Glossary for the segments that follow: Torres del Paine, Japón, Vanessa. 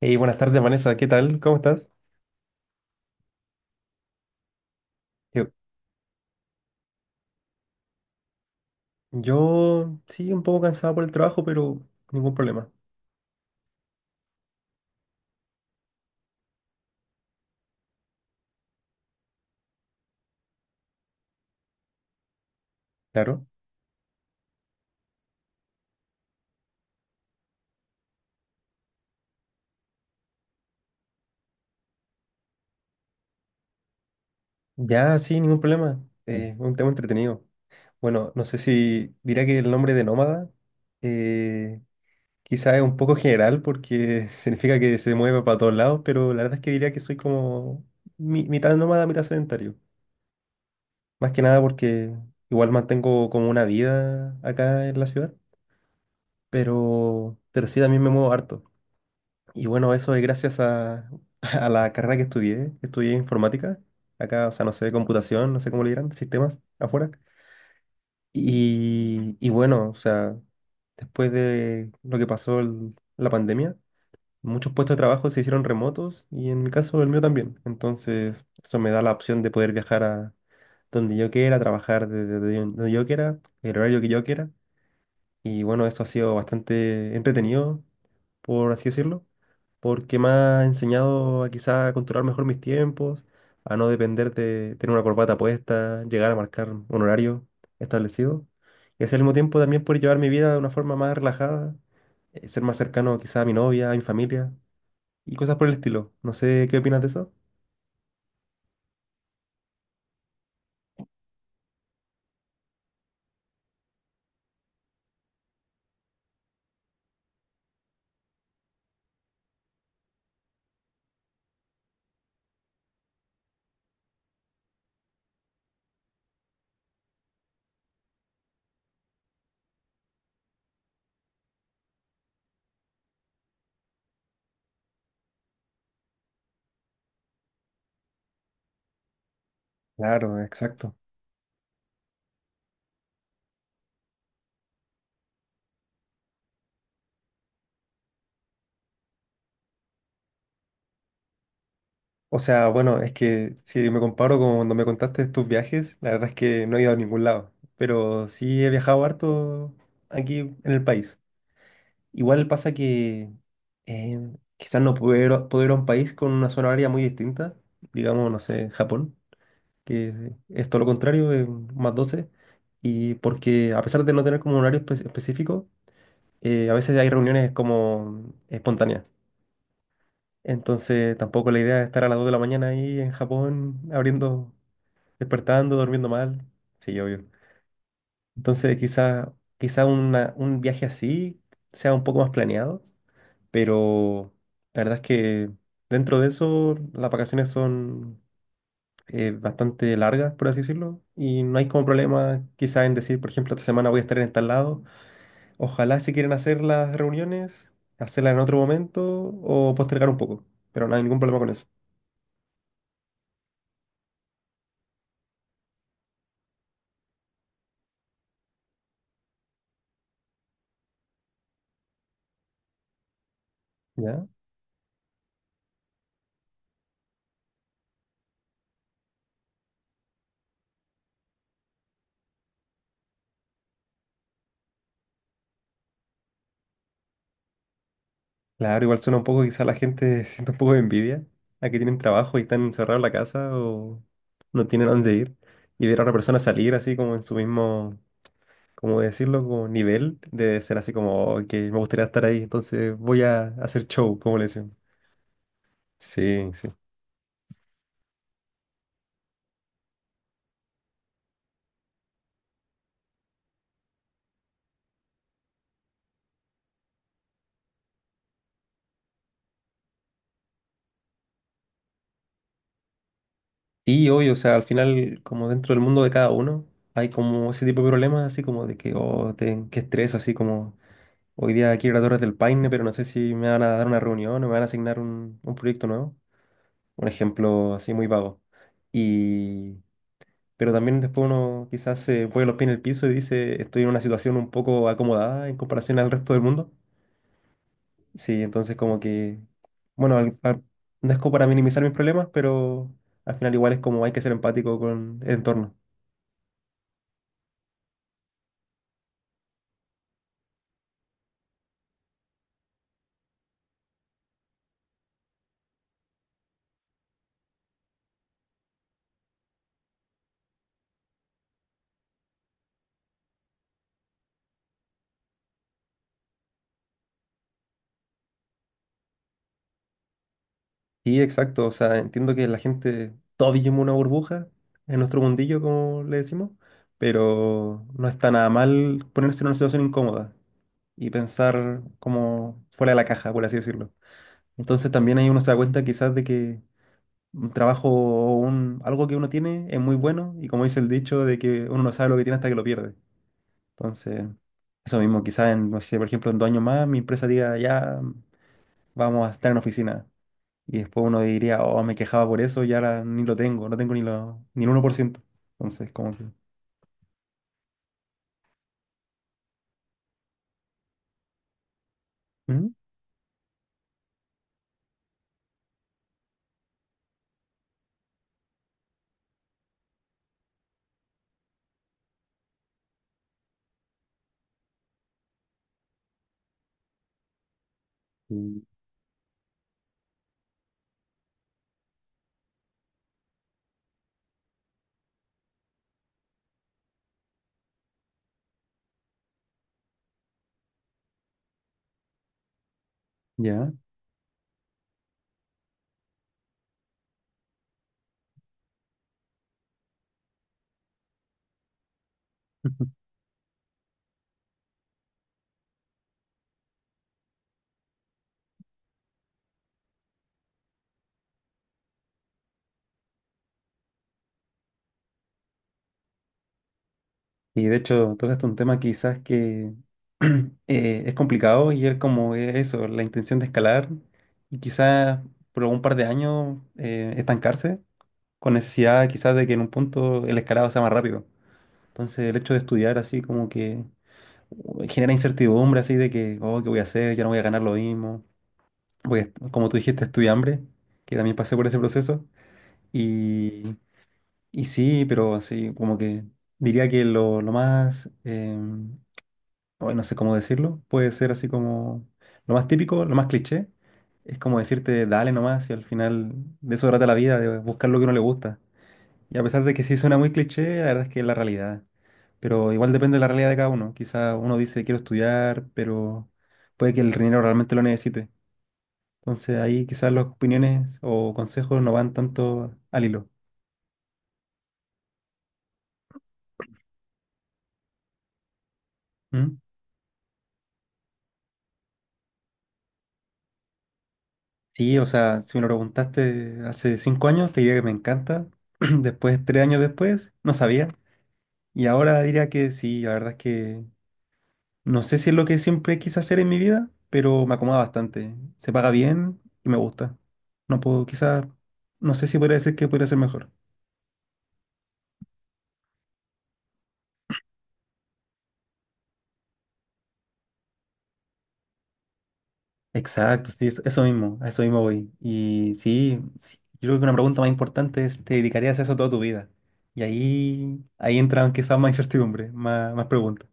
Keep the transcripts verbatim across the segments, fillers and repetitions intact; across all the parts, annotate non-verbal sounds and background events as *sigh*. Hey, buenas tardes, Vanessa. ¿Qué tal? ¿Cómo estás? Yo, yo sí, un poco cansado por el trabajo, pero ningún problema. Claro. Ya, sí, ningún problema. Eh, un tema entretenido. Bueno, no sé si dirá que el nombre de nómada eh, quizá es un poco general porque *laughs* significa que se mueve para todos lados, pero la verdad es que diría que soy como mi- mitad nómada, mitad sedentario. Más que nada porque igual mantengo como una vida acá en la ciudad, pero, pero sí, también me muevo harto. Y bueno, eso es gracias a, a la carrera que estudié, que estudié informática. Acá, o sea, no sé, computación, no sé cómo le dirán, sistemas afuera. Y, y bueno, o sea, después de lo que pasó el- la pandemia, muchos puestos de trabajo se hicieron remotos y en mi caso el mío también. Entonces, eso me da la opción de poder viajar a donde yo quiera, trabajar desde donde yo quiera, el horario que yo quiera. Y bueno, eso ha sido bastante entretenido, por así decirlo, porque me ha enseñado a quizá a controlar mejor mis tiempos, a no depender de tener una corbata puesta, llegar a marcar un horario establecido. Y así al mismo tiempo también poder llevar mi vida de una forma más relajada, eh, ser más cercano quizá a mi novia, a mi familia y cosas por el estilo. No sé qué opinas de eso. Claro, exacto. O sea, bueno, es que si me comparo con cuando me contaste de tus viajes, la verdad es que no he ido a ningún lado, pero sí he viajado harto aquí en el país. Igual pasa que eh, quizás no puedo ir, a puedo ir a un país con una zona horaria muy distinta, digamos, no sé, Japón, que es todo lo contrario, es más doce. Y porque a pesar de no tener como un horario espe- específico, eh, a veces hay reuniones como espontáneas. Entonces tampoco la idea es estar a las dos de la mañana ahí en Japón abriendo despertando, durmiendo mal. Sí, obvio. Entonces, quizá, quizá una- un viaje así sea un poco más planeado, pero la verdad es que dentro de eso las vacaciones son eh, bastante largas, por así decirlo, y no hay como problema quizá en decir, por ejemplo, esta semana voy a estar en tal lado. Ojalá si quieren hacer las reuniones, hacerlas en otro momento o postergar un poco, pero no hay ningún problema con eso. ¿Ya? Claro, igual suena un poco, quizá la gente *laughs* siente un poco de envidia a que tienen trabajo y están encerrados en la casa o no tienen a dónde ir. Y ver a otra persona salir así como en su mismo, cómo decirlo, como nivel, debe ser así como: "Oh, que me gustaría estar ahí, entonces voy a hacer show", como le decían. Sí, sí. Y hoy, o sea, al final, como dentro del mundo de cada uno, hay como ese tipo de problemas, así como de que, oh, te- qué estrés, así como, hoy día quiero ir a Torres del Paine, pero no sé si me van a dar una reunión o me van a asignar un, un proyecto nuevo. Un ejemplo así muy vago. Y, pero también después uno quizás se pone los pies en el piso y dice, estoy en una situación un poco acomodada en comparación al resto del mundo. Sí, entonces como que, bueno, al- al- no es como para minimizar mis problemas, pero al final igual es como hay que ser empático con el entorno. Sí, exacto, o sea, entiendo que la gente, todos vivimos una burbuja en nuestro mundillo, como le decimos, pero no está nada mal ponerse en una situación incómoda y pensar como fuera de la caja, por así decirlo. Entonces también ahí uno se da cuenta quizás de que un trabajo o un, algo que uno tiene es muy bueno y como dice el dicho de que uno no sabe lo que tiene hasta que lo pierde. Entonces, eso mismo, quizás en, no sé, por ejemplo, en dos años más mi empresa diga, ya vamos a estar en oficina. Y después uno diría, oh, me quejaba por eso y ahora ni lo tengo, no tengo ni, lo, ni el uno por ciento. Entonces, como que... ¿Mm? Mm. Ya. *laughs* Y de hecho, tocaste un tema quizás que *clears throat* eh, es complicado y es como e-, eso, la intención de escalar y quizás por un par de años eh, estancarse con necesidad quizás de que en un punto el escalado sea más rápido. Entonces el hecho de estudiar así como que uh, genera incertidumbre así de que, oh, ¿qué voy a hacer? Ya no voy a ganar lo mismo. Voy a est- como tú dijiste, estudié hambre, que también pasé por ese proceso. Y, y sí, pero así como que diría que lo, lo más... em, hoy no sé cómo decirlo, puede ser así como lo más típico, lo más cliché, es como decirte dale nomás y al final de eso trata la vida, de buscar lo que uno le gusta. Y a pesar de que sí suena muy cliché, la verdad es que es la realidad. Pero igual depende de la realidad de cada uno. Quizá uno dice quiero estudiar, pero puede que el dinero realmente lo necesite. Entonces ahí quizás las opiniones o consejos no van tanto al hilo. ¿Mm? Sí, o sea, si me lo preguntaste hace cinco años, te diría que me encanta. *clears throat* Después, tres años después, no sabía. Y ahora diría que sí, la verdad es que no sé si es lo que siempre quise hacer en mi vida, pero me acomoda bastante. Se paga bien y me gusta. No puedo, quizás, no sé si podría decir que podría ser mejor. Exacto, sí, eso, eso mismo, a eso mismo voy. Y sí, sí, yo creo que una pregunta más importante es, ¿te dedicarías a eso toda tu vida? Y ahí, ahí entran quizás más incertidumbre, más, más preguntas.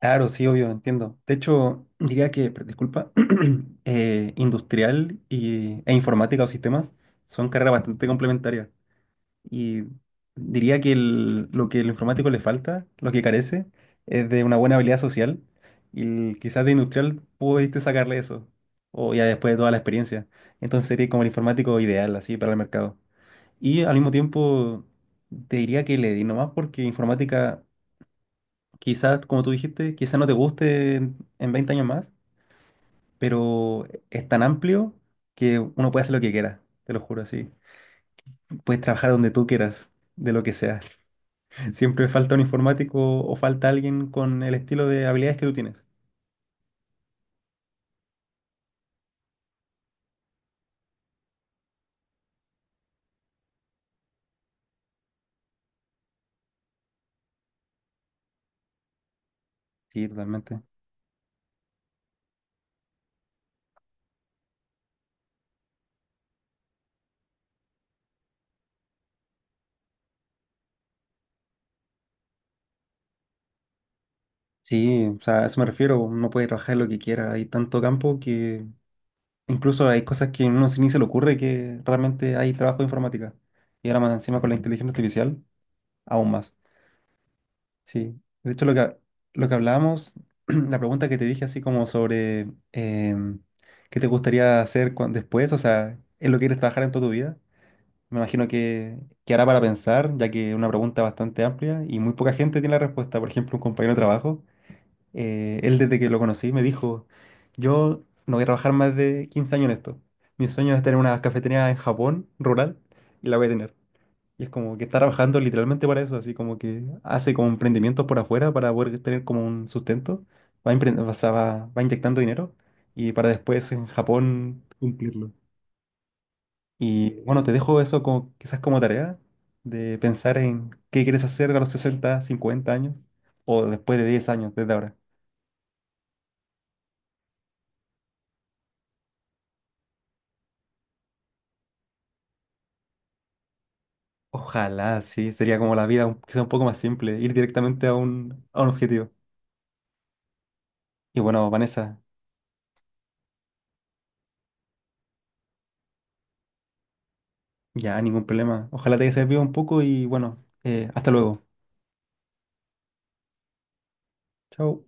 Claro, sí, obvio, entiendo. De hecho, diría que, per- disculpa, *clears throat* eh, industrial y, e informática o sistemas son carreras bastante complementarias. Y diría que el- lo que el informático le falta, lo que carece, es de una buena habilidad social. Y el- quizás de industrial pudiste sacarle eso, o ya después de toda la experiencia. Entonces sería como el informático ideal, así, para el mercado. Y al mismo tiempo, te diría que le di nomás porque informática quizás, como tú dijiste, quizás no te guste en, en veinte años más, pero es tan amplio que uno puede hacer lo que quiera, te lo juro así. Puedes trabajar donde tú quieras, de lo que sea. *laughs* Siempre falta un informático o falta alguien con el estilo de habilidades que tú tienes. Sí, totalmente. Sí, o sea, a eso me refiero, uno puede trabajar lo que quiera, hay tanto campo que incluso hay cosas que a uno ni se le ocurre que realmente hay trabajo de informática. Y ahora más encima con la inteligencia artificial, aún más. Sí, de hecho lo que, lo que hablábamos, *clears throat* la pregunta que te dije así como sobre em, qué te gustaría hacer cuan- después, o sea, ¿es lo que quieres trabajar en toda tu vida? Me imagino que, que hará para pensar, ya que es una pregunta bastante amplia y muy poca gente tiene la respuesta. Por ejemplo, un compañero de trabajo, eh, él desde que lo conocí me dijo, yo no voy a trabajar más de quince años en esto. Mi sueño es tener una cafetería en Japón, rural, y la voy a tener. Y es como que está trabajando literalmente para eso, así como que hace como emprendimientos por afuera para poder tener como un sustento, va, empre- o sea, va, va inyectando dinero y para después en Japón cumplirlo. Y bueno, te dejo eso como, quizás como tarea de pensar en qué quieres hacer a los sesenta cincuenta años o después de diez años, desde ahora. Ojalá, sí, sería como la vida un- quizá un poco más simple, ir directamente a un, a un objetivo. Y bueno, Vanessa, ya ningún problema. Ojalá te haya servido un poco y bueno, eh, hasta luego. Chao.